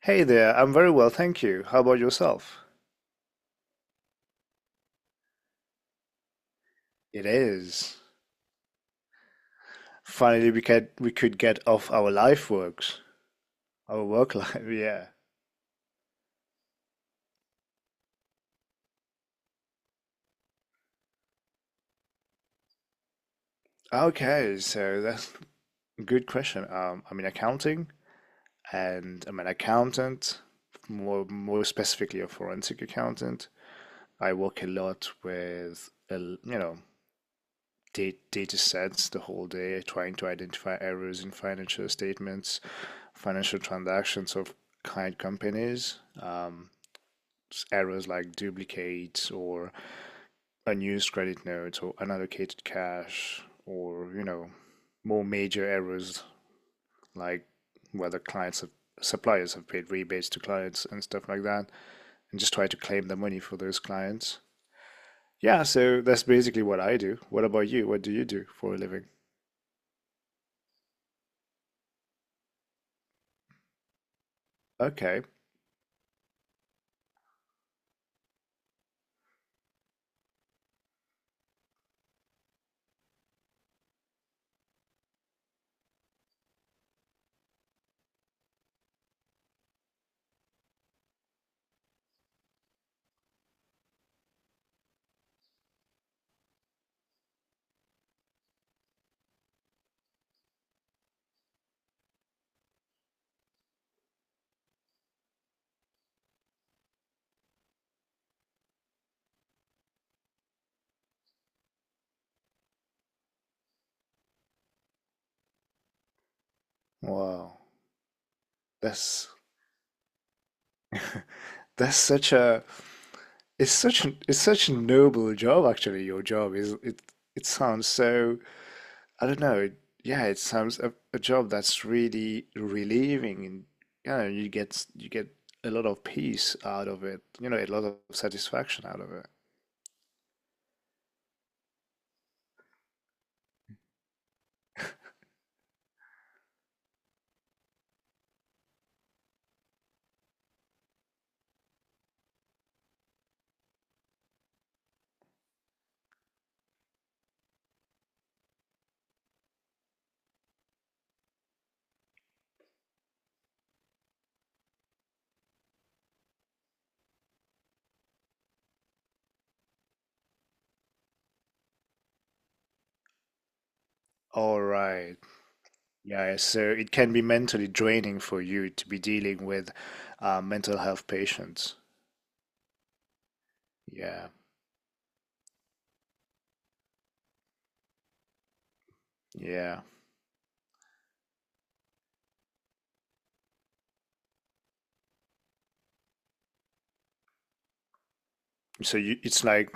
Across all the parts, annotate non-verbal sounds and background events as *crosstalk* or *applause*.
Hey there, I'm very well, thank you. How about yourself? It is. Finally, we could get off our life works, our work life. *laughs* Yeah. Okay, so that's a good question. I'm in accounting, and I'm an accountant, more specifically a forensic accountant. I work a lot with a l- you know data sets the whole day, trying to identify errors in financial statements, financial transactions of client companies. Errors like duplicates or unused credit notes or unallocated cash or more major errors like whether clients have suppliers have paid rebates to clients and stuff like that and just try to claim the money for those clients. Yeah, so that's basically what I do. What about you? What do you do for a living? Okay. Wow. That's that's such a it's such an it's such a noble job. Actually, your job, is it it sounds so, I don't know. Yeah, it sounds a job that's really relieving, and you get a lot of peace out of it. A lot of satisfaction out of it. All right. Yeah, so it can be mentally draining for you to be dealing with mental health patients. Yeah, yeah. So you,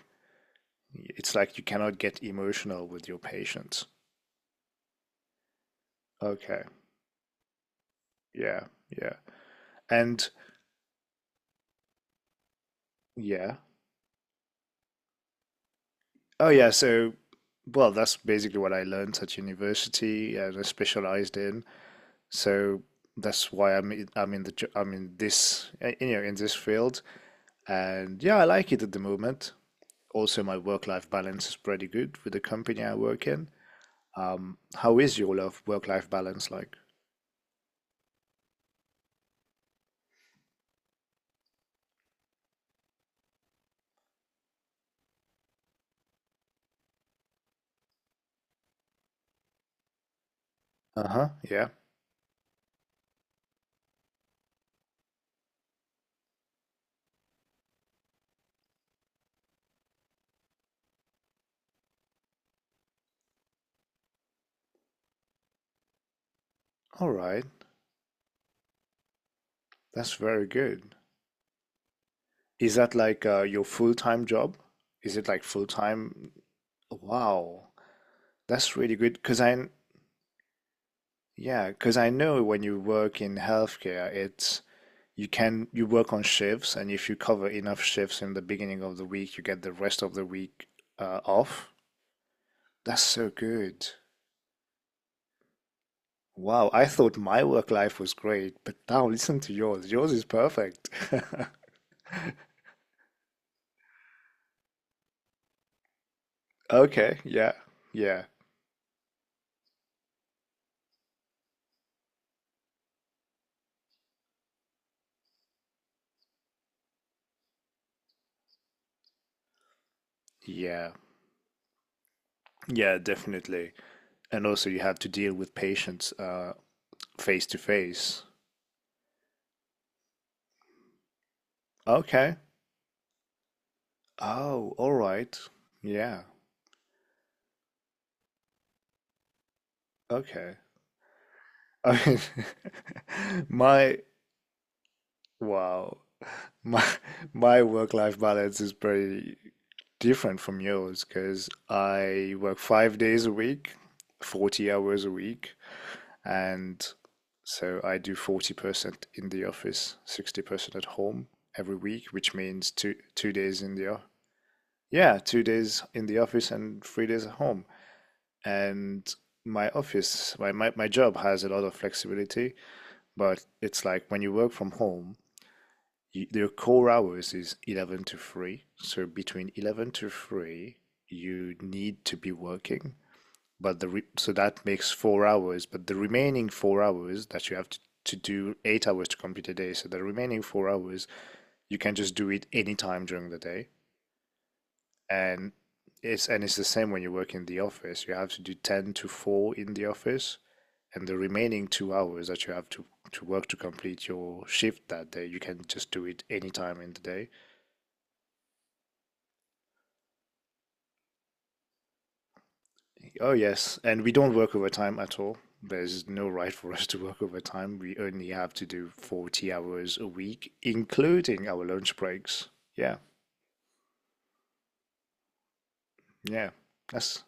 it's like you cannot get emotional with your patients. Okay. Yeah, yeah. And yeah. Oh yeah, so well, that's basically what I learned at university and I specialized in. So that's why I'm in this field, and yeah, I like it at the moment. Also, my work-life balance is pretty good with the company I work in. How is your love work-life balance like? Uh-huh, yeah. All right, that's very good. Is that like your full-time job? Is it like full-time? Wow, that's really good. Because I Yeah, because I know when you work in healthcare, it's you work on shifts, and if you cover enough shifts in the beginning of the week, you get the rest of the week off. That's so good. Wow, I thought my work life was great, but now listen to yours. Yours is perfect. *laughs* Okay, yeah, yeah, yeah, yeah, definitely. And also, you have to deal with patients face to face. Okay. Oh, all right. Yeah. Okay. I mean, *laughs* my wow, my my work-life balance is pretty different from yours because I work 5 days a week, 40 hours a week, and so I do 40% in the office, 60% at home every week, which means two days yeah, 2 days in the office and 3 days at home. And my office, my job has a lot of flexibility. But it's like when you work from home, their core hours is 11 to 3. So between 11 to 3, you need to be working. But the re so that makes 4 hours. But the remaining 4 hours that you have to do 8 hours to complete a day. So the remaining 4 hours, you can just do it anytime during the day. And and it's the same when you work in the office. You have to do 10 to 4 in the office, and the remaining 2 hours that you have to work to complete your shift that day, you can just do it anytime in the day. Oh, yes. And we don't work overtime at all. There's no right for us to work overtime. We only have to do 40 hours a week, including our lunch breaks. Yeah, yeah. That's,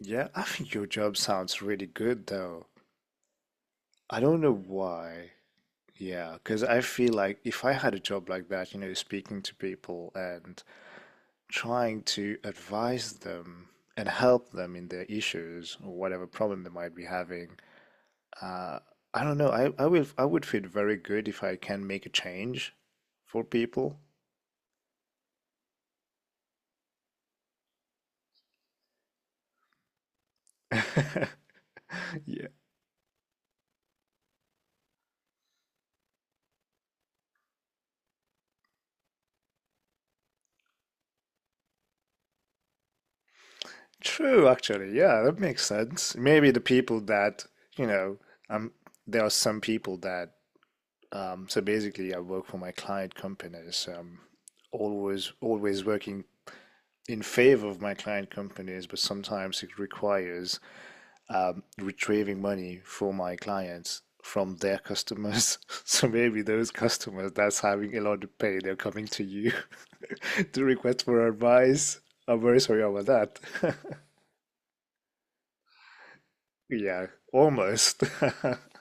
yeah, I think your job sounds really good though. I don't know why. Yeah, because I feel like if I had a job like that, speaking to people and trying to advise them and help them in their issues or whatever problem they might be having, Uh, I don't know. I would feel very good if I can make a change for people. *laughs* Yeah. True, actually. Yeah, that makes sense. Maybe the people that, you know, um there are some people that so basically I work for my client companies. Always working in favor of my client companies, but sometimes it requires retrieving money for my clients from their customers. *laughs* So maybe those customers that's having a lot of pain, they're coming to you *laughs* to request for advice. I'm very sorry about that. *laughs* Yeah, almost. *laughs*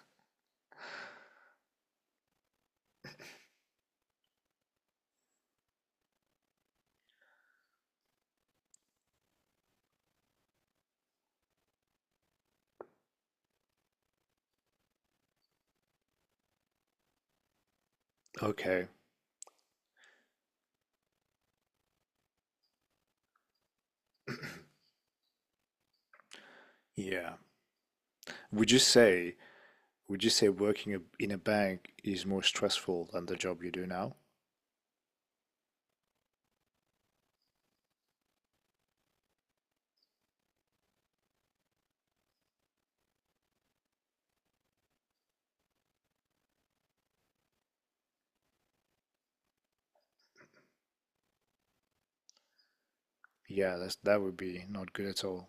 Okay. Yeah. Would you say would you say working in a bank is more stressful than the job you do now? Yeah, that's that would be not good at all.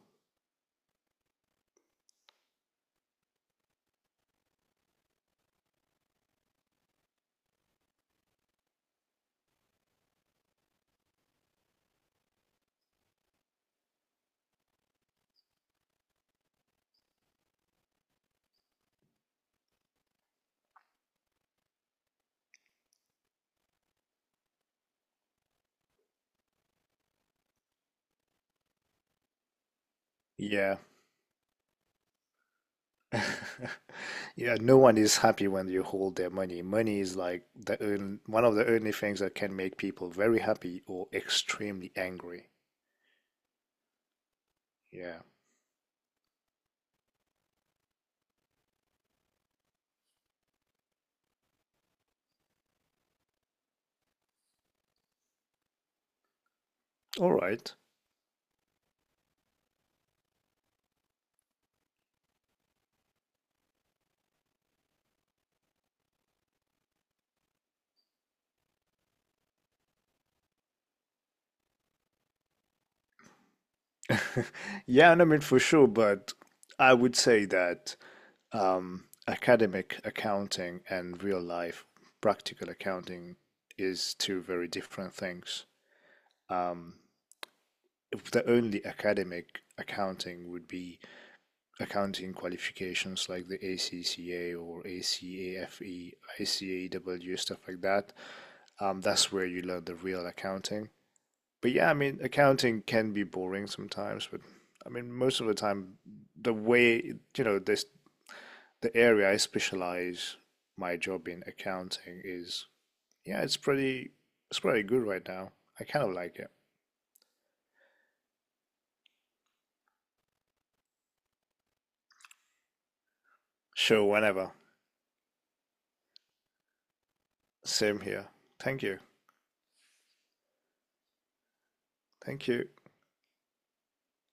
Yeah. *laughs* Yeah, no one is happy when you hold their money. Money is like one of the only things that can make people very happy or extremely angry. Yeah. All right. *laughs* Yeah, and I mean for sure, but I would say that academic accounting and real life practical accounting is two very different things. Um, if the only academic accounting would be accounting qualifications like the ACCA or ACAFE, ICAW, stuff like that. That's where you learn the real accounting. But yeah, I mean, accounting can be boring sometimes, but I mean, most of the time, the way, this the area I specialize my job in accounting is, yeah, it's pretty good right now. I kind of like it. Sure, whenever. Same here. Thank you. Thank you.